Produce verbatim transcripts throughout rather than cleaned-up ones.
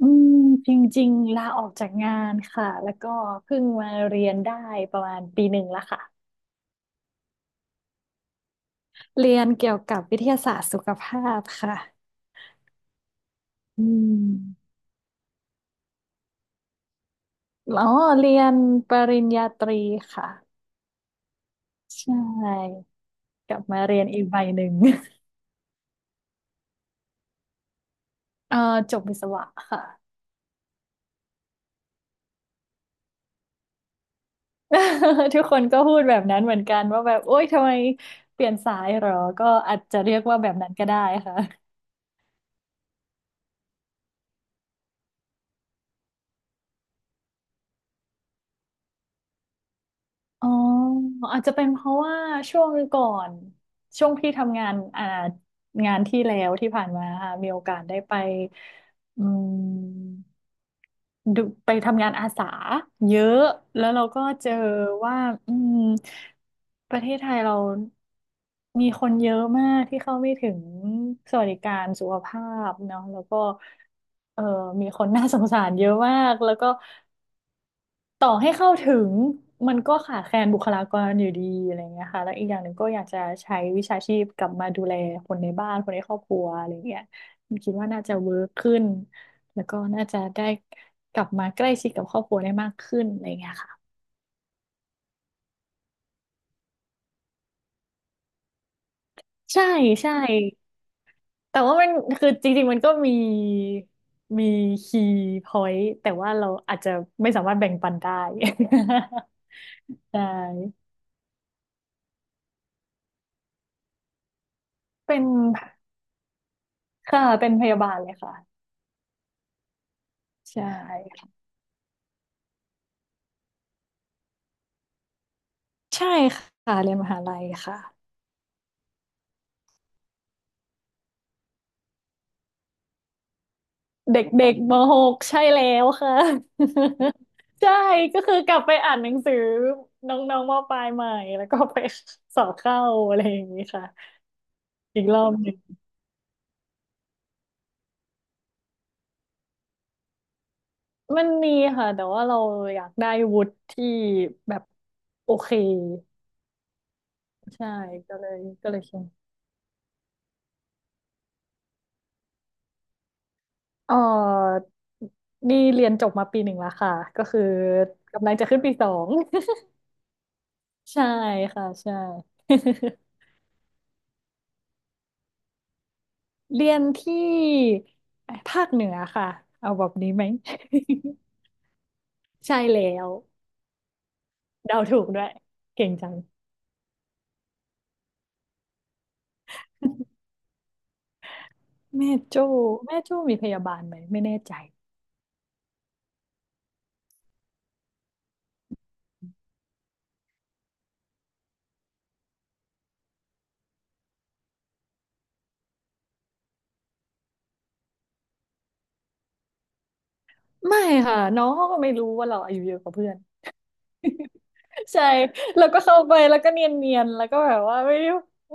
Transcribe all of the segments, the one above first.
อืมจริงๆลาออกจากงานค่ะแล้วก็เพิ่งมาเรียนได้ประมาณปีหนึ่งแล้วค่ะเรียนเกี่ยวกับวิทยาศาสตร์สุขภาพค่ะอืมอ๋อเรียนปริญญาตรีค่ะใช่กลับมาเรียนอีกใบหนึ่ง เออจบวิศวะค่ะ ทุกคนก็พูดแบบนั้นเหมือนกันว่าแบบโอ๊ยทำไมเปลี่ยนสายเหรอก็อาจจะเรียกว่าแบบนั้นก็ได้ค่ะ อ๋ออาจจะเป็นเพราะว่าช่วงก่อนช่วงที่ทำงานอ่างานที่แล้วที่ผ่านมาค่ะมีโอกาสได้ไปอืมดูไปทำงานอาสาเยอะแล้วเราก็เจอว่าอืมประเทศไทยเรามีคนเยอะมากที่เข้าไม่ถึงสวัสดิการสุขภาพเนาะแล้วก็เออมีคนน่าสงสารเยอะมากแล้วก็ ต่อให้เข้าถึงมันก็ขาดแคลนบุคลากรอยู่ดีอะไรเงี้ยค่ะแล้วอีกอย่างหนึ่งก็อยากจะใช้วิชาชีพกลับมาดูแลคนในบ้านคนในครอบครัวอะไรเงี้ยคิดว่าน่าจะเวิร์กขึ้นแล้วก็น่าจะได้กลับมาใกล้ชิดกับครอบครัวได้มากขึ้นอะไรเงี้ยค่ะใช่ใช่แต่ว่ามันคือจริงๆมันก็มีมีคีย์พอยต์แต่ว่าเราอาจจะไม่สามารถแบ่งปันได้ ใช่เป็นค่ะเป็นพยาบาลเลยค่ะใช่ ใช่ค่ะเรียนมหาลัยค่ะเด็กๆมหกใช่แล้วค่ะ ใช่ก็คือกลับไปอ่านหนังสือน้องๆมปลายใหม่แล้วก็ไปสอบเข้าอะไรอย่างนี้ค่ะอีกรอบหนึ่งมันมีค่ะแต่ว่าเราอยากได้วุฒิที่แบบโอเคใช่ก็เลยก็เลยเขียนเออนี่เรียนจบมาปีหนึ่งแล้วค่ะก็คือกำลังจะขึ้นปีสอง ใช่ค่ะใช่ เรียนที่ภาคเหนือค่ะเอาแบบนี้ไหม ใช่แล้วเดาถูกด้วยเก่งจังแม่โจ้แม่โจ้มีพยาบาลไหมไม่แน่ใจไม่ค่ะน้องเขาก็ไม่รู้ว่าเราอายุเยอะกว่าเพื่อน ใช่แล้วก็เข้าไปแล้วก็เนียนๆแล้วก็แบบว่าไม่ได้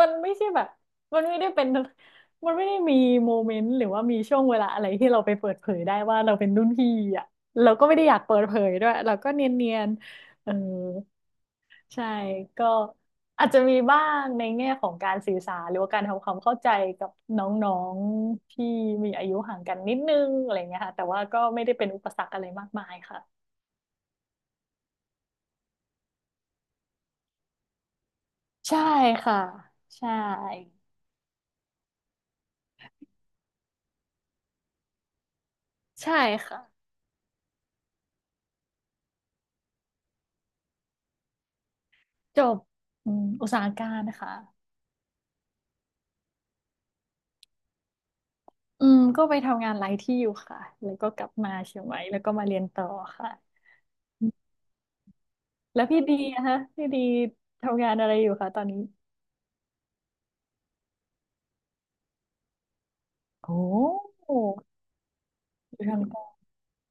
มันไม่ใช่แบบมันไม่ได้เป็นมันไม่ได้มีโมเมนต์หรือว่ามีช่วงเวลาอะไรที่เราไปเปิดเผยได้ว่าเราเป็นรุ่นพี่อ่ะเราก็ไม่ได้อยากเปิดเผยด้วยเราก็เนียนๆเออ ใช่ก็อาจจะมีบ้างในแง่ของการสื่อสารหรือว่าการทำความเข้าใจกับน้องๆที่มีอายุห่างกันนิดนึงอะไรเงี้ยค่ะแต่ว่าก็ไม่ได้เป็นอุปสรรคอะไรมากมายค่ะใช่ค่ะใช่ใช่ค่ะจบอืมอุตสาหการนะคะอืมก็ไปทำงานหลายที่อยู่ค่ะแล้วก็กลับมาเชียงใหม่แล้วก็มาเรียนต่อค่ะแล้วพี่ดีนะคะพี่ดีทำงานอะไรอยู่คะตอนนี้โอ้อยู่ทาง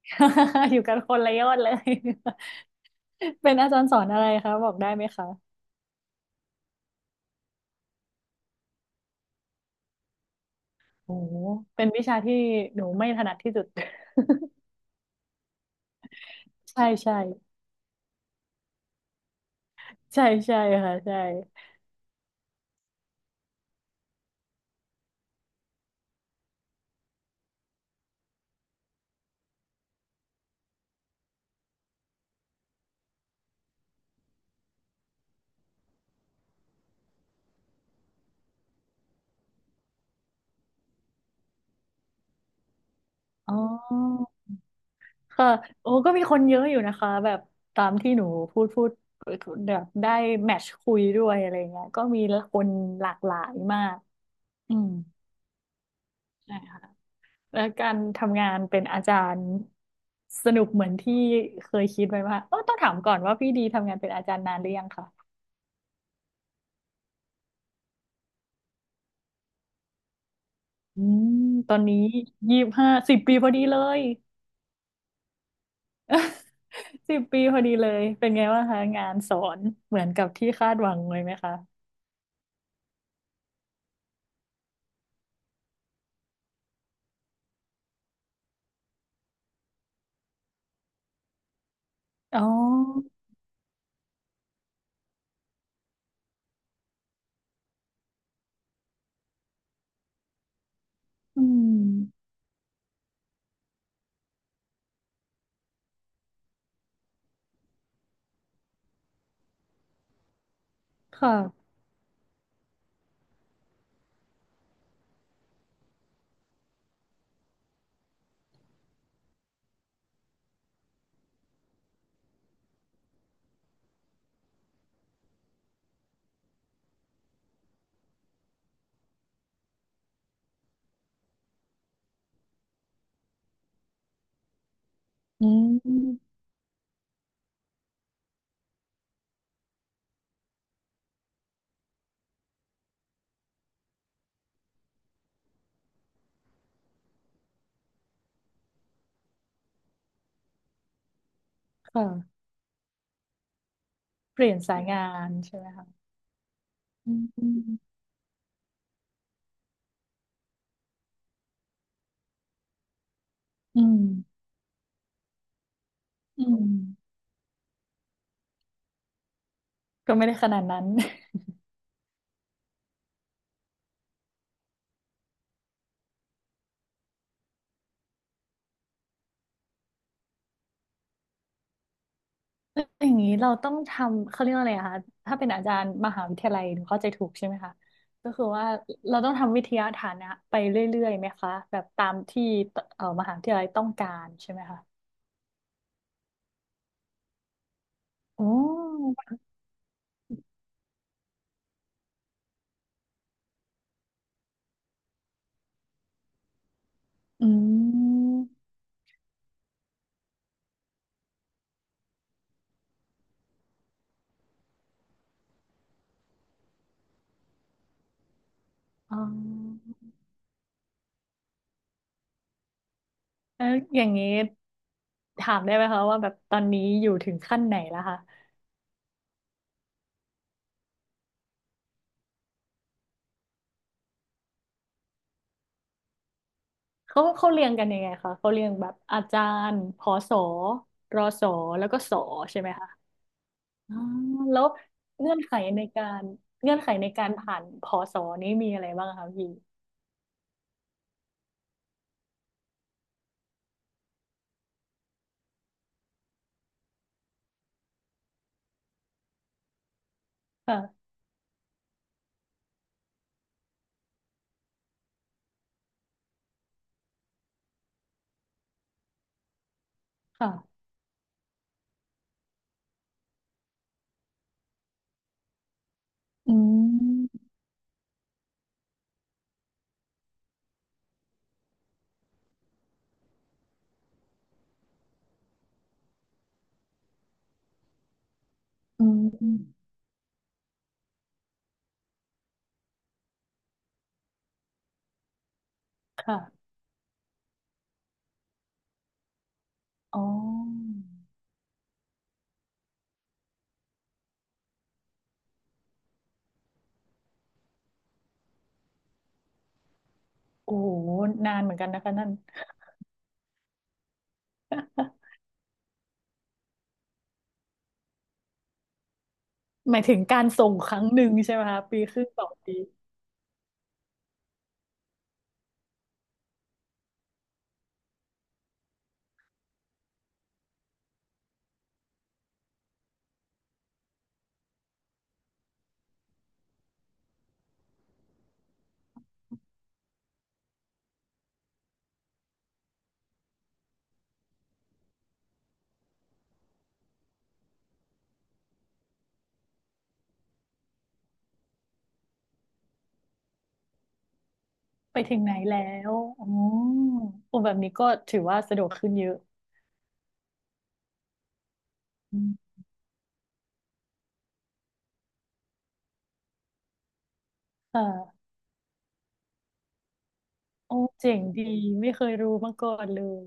อยู่กันคนละยอดเลย เป็นอาจารย์สอนอะไรคะบอกได้ไหมคะโอ้โหเป็นวิชาที่หนูไม่ถนัดที่สุด ใช่ใช่ใช่ใช่ค่ะใช่อ๋อค่ะโอ้ก็มีคนเยอะอยู่นะคะแบบตามที่หนูพูดพูดแบบได้แมทช์คุยด้วยอะไรเงี้ยก็มีคนหลากหลายมากอืมใช่ค่ะ และการทำงานเป็นอาจารย์สนุกเหมือนที่เคยคิดไว้ว่าเออต้องถามก่อนว่าพี่ดีทำงานเป็นอาจารย์นานหรือยังค่ะอืมตอนนี้ยี่สิบห้าสิบปีพอดีเลย สิบปีพอดีเลยเป็นไงบ้างคะงานสอนเหมือนกับที่คาดหวังเลยไหมคะอ๋ออืมค่ะอืมค่ะเปลี่ยนสายงานใช่ไหมคะอืมอืมอืมก็ไม่ได้ขนาดนั้น อย่างนี้เราต้องทำเขาเรียกว่าอะไรอะคะถ้าเป็นอาจารย์มหาวิทยาลัยหนูเข้าใจถูกใช่ไหมคะก็คือว่าเราต้องทำวิทยาฐานะไปเรื่อยๆไหมคะแบบตามที่เอ่อมหาวิทยาลัยต้องการใช่ไหมคะโอ้อืมอ๋อแล้วอย่างนี้ถามได้ไหมคะว่าแบบตอนนี้อยู่ถึงขั้นไหนแล้วคะเขาเขาเรียงกันยังไงคะเขาเรียงแบบอาจารย์พอสอรอสอแล้วก็สอใช่ไหมคะ อ๋อแล้วเงื่อนไขในการเงื่อนไขในการผ่านพอสอนี้มีอะไรบ้างคะพี่ค่ะค่ะอืมอืมอืมค่ะอ๋อโอ้โหนานเหมือนกันนะคะนั่นหมายถึงการส่งครั้งหนึ่งใช่ไหมคะปีครึ่งสองปีไปถึงไหนแล้วอ๋อโอ้แบบนี้ก็ถือว่าสะดวกขึ้นเยอะอืมค่ะโอ้เจ๋งดีไม่เคยรู้มาก่อนเลย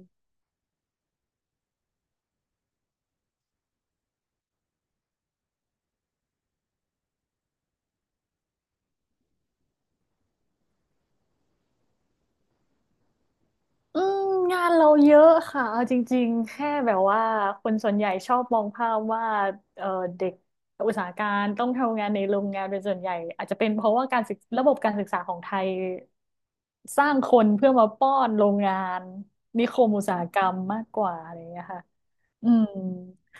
อืมงานเราเยอะค่ะเอาจริงๆแค่แบบว่าคนส่วนใหญ่ชอบมองภาพว่าเอ่อเด็กอุตสาหการต้องทำงานในโรงงานเป็นส่วนใหญ่อาจจะเป็นเพราะว่าการศึกระบบการศึกษาของไทยสร้างคนเพื่อมาป้อนโรงงานนิคมอุตสาหกรรมมากกว่าอะไรอย่างเงี้ยค่ะอืม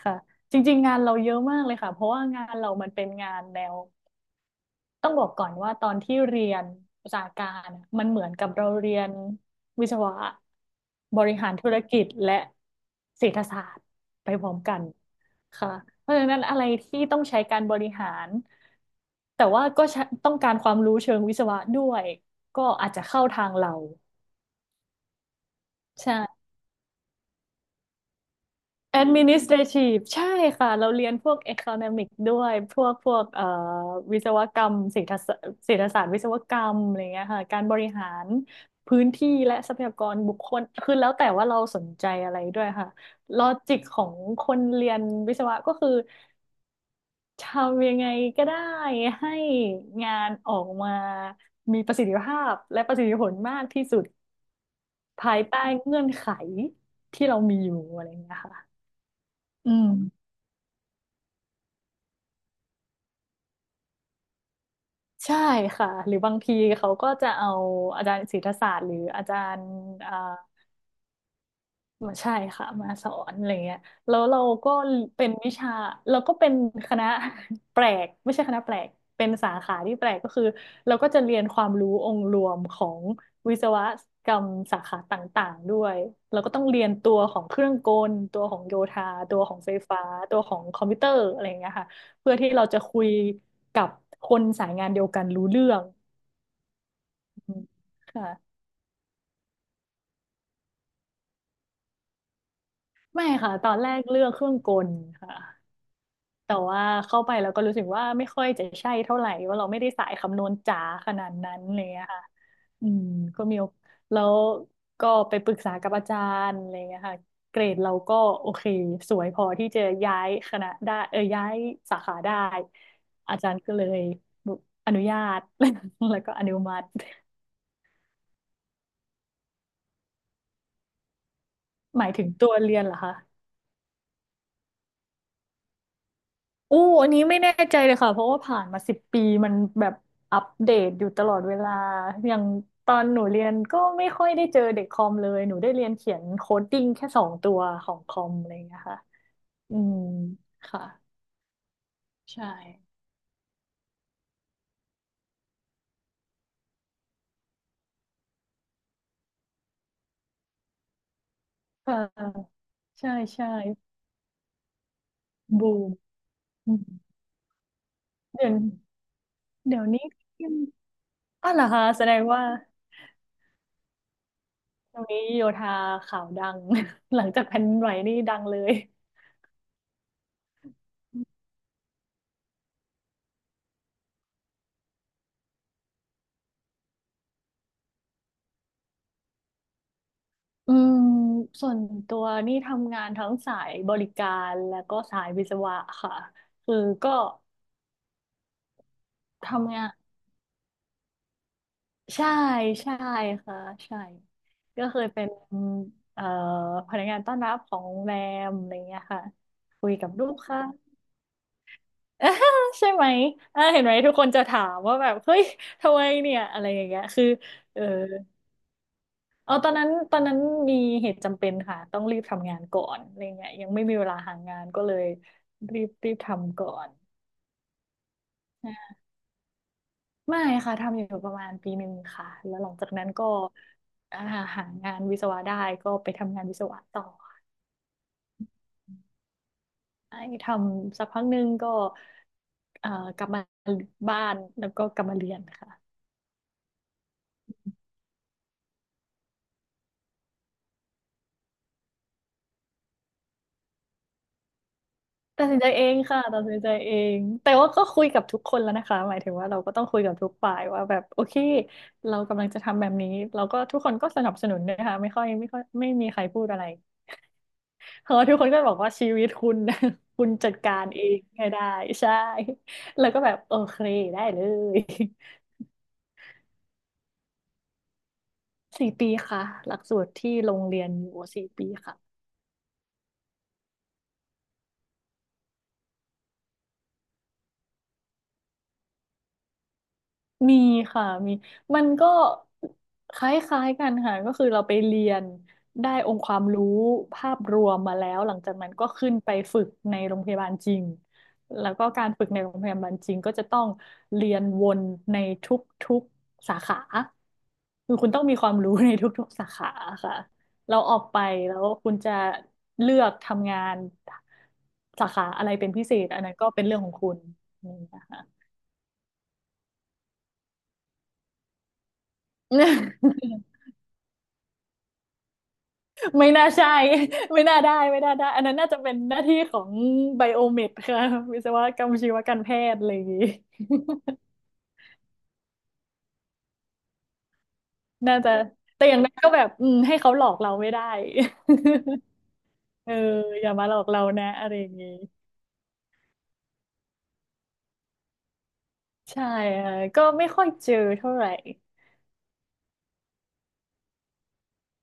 ค่ะจริงๆงานเราเยอะมากเลยค่ะเพราะว่างานเรามันเป็นงานแนว ต้องบอกก่อนว่าตอนที่เรียนระสาหการอะมันเหมือนกับเราเรียนวิศวะบริหารธุรกิจและเศรษฐศาสตร์ไปพร้อมกันค่ะเพราะฉะนั้นอะไรที่ต้องใช้การบริหารแต่ว่าก็ใช้ต้องการความรู้เชิงวิศวะด้วยก็อาจจะเข้าทางเราใช่ Administrative ใช่ค่ะเราเรียนพวก Economic ด้วยพวกพวกเอ่อวิศวกรรมเศรษฐศาสตร์เศรษฐศาสตร์วิศวกรรมอะไรเงี้ยค่ะการบริหารพื้นที่และทรัพยากรบุคคลคือแล้วแต่ว่าเราสนใจอะไรด้วยค่ะลอจิกของคนเรียนวิศวะก็คือทำยังไงก็ได้ให้งานออกมามีประสิทธิภาพและประสิทธิผลมากที่สุดภายใต้เงื่อนไขที่เรามีอยู่อะไรเงี้ยค่ะอืม ใช่ค่ะหรือบางทีเขาก็จะเอาอาจารย์ศิลปศาสตร์หรืออาจารย์อ่ามาใช่ค่ะมาสอนอะไรเงี้ยแล้วเราก็เป็นวิชาเราก็เป็นคณะ แปลกไม่ใช่คณะแปลกเป็นสาขาที่แปลกก็คือเราก็จะเรียนความรู้องค์รวมของวิศวกรรมสาขาต่างๆด้วยเราก็ต้องเรียนตัวของเครื่องกลตัวของโยธาตัวของไฟฟ้าตัวของคอมพิวเตอร์อะไรเงี้ยค่ะเพื่อที่เราจะคุยกับคนสายงานเดียวกันรู้เรื่อง อืมค่ะไม่ค่ะตอนแรกเลือกเครื่องกลค่ะแต่ว่าเข้าไปแล้วก็รู้สึกว่าไม่ค่อยจะใช่เท่าไหร่ว่าเราไม่ได้สายคำนวณจ๋าขนาดนั้นอะไรเลยค่ะอืมก็มีโอแล้วก็ไปปรึกษากับอาจารย์อะไรเงี้ยค่ะเกรดเราก็โอเคสวยพอที่จะย้ายคณะได้เออย้ายสาขาได้อาจารย์ก็เลยอนุญาต แล้วก็อนุมัติหมายถึงตัวเรียนเหรอคะ อู้อันนี้ไม่แน่ใจเลยค่ะเพราะว่าผ่านมาสิบปีมันแบบอัปเดตอยู่ตลอดเวลาอย่างตอนหนูเรียนก็ไม่ค่อยได้เจอเด็กคอมเลยหนูได้เรียนเขียนโคดดิ้งแค่สองตัวของคอมอะไรอย่างเงี้ยค่ะอืมค่ะใช่ค่ะใช่ใช่บูมอืมเดี๋ยวเดี๋ยวนี้อ้าวเหรอคะแสดงว่าตรงนี้โยธาข่าวดัง หลังจากแผ่นดินไหวนี่ดังเลย อืมส่วนตัวนี่ทำงานทั้งสายบริการแล้วก็สายวิศวะค่ะคือก็ทำงานใช่ใช่ค่ะใช่ก็เคยเป็นเอ่อพนักงานต้อนรับของโรงแรมอะไรเงี้ยค่ะคุยกับลูกค้า ใช่ไหมอ่าเห็นไหมทุกคนจะถามว่าแบบเฮ้ยทำไมเนี่ยอะไรอย่างเงี้ยคือเออ เออตอนนั้นตอนนั้นมีเหตุจำเป็นค่ะต้องรีบทำงานก่อนอะไรเงี้ยยังไม่มีเวลาหางานก็เลยรีบรีบทำก่อนไม่ค่ะ ทำอยู่ประมาณปีหนึ่งค่ะแล้วหลังจากนั้นก็อ่าหางานวิศวะได้ก็ไปทำงานวิศวะต่อไอ้ทำสักพักหนึ่งก็เอ่อกลับมาบ้านแล้วก็กลับมาเรียนค่ะ ตัดสินใจเองค่ะตัดสินใจเองแต่ว่าก็คุยกับทุกคนแล้วนะคะหมายถึงว่าเราก็ต้องคุยกับทุกฝ่ายว่าแบบโอเคเรากำลังจะทำแบบนี้เราก็ทุกคนก็สนับสนุนนะคะไม่ค่อยไม่ค่อยไม่มีใครพูดอะไรเพราะว่าทุกคนก็บอกว่าชีวิตคุณ คุณจัดการเองให้ได้ใช่แล้วก็แบบโอเคได้เลย สี่ปีค่ะหลักสูตรที่โรงเรียนอยู่สี่ปีค่ะ มีค่ะมีมันก็คล้ายๆกันค่ะก็คือเราไปเรียนได้องค์ความรู้ภาพรวมมาแล้วหลังจากนั้นก็ขึ้นไปฝึกในโรงพยาบาลจริงแล้วก็การฝึกในโรงพยาบาลจริงก็จะต้องเรียนวนในทุกๆสาขาคือคุณต้องมีความรู้ในทุกๆสาขาค่ะเราออกไปแล้วคุณจะเลือกทำงานสาขาอะไรเป็นพิเศษอันนั้นก็เป็นเรื่องของคุณนี่นะคะ ไม่น่าใช่ ไม่น่าได้ไม่น่าได้อันนั้นน่าจะเป็นหน้าที่ของไบโอเมดค่ะวิศวกรรมชีวการแพทย์อะไรอย่างงี้ น่าจะแต่อย่างนั้นก็แบบอืมให้เขาหลอกเราไม่ได้ เอออย่ามาหลอกเรานะอะไรอย่างงี้ใช่ค่ะก็ไม่ค่อยเจอเท่าไหร่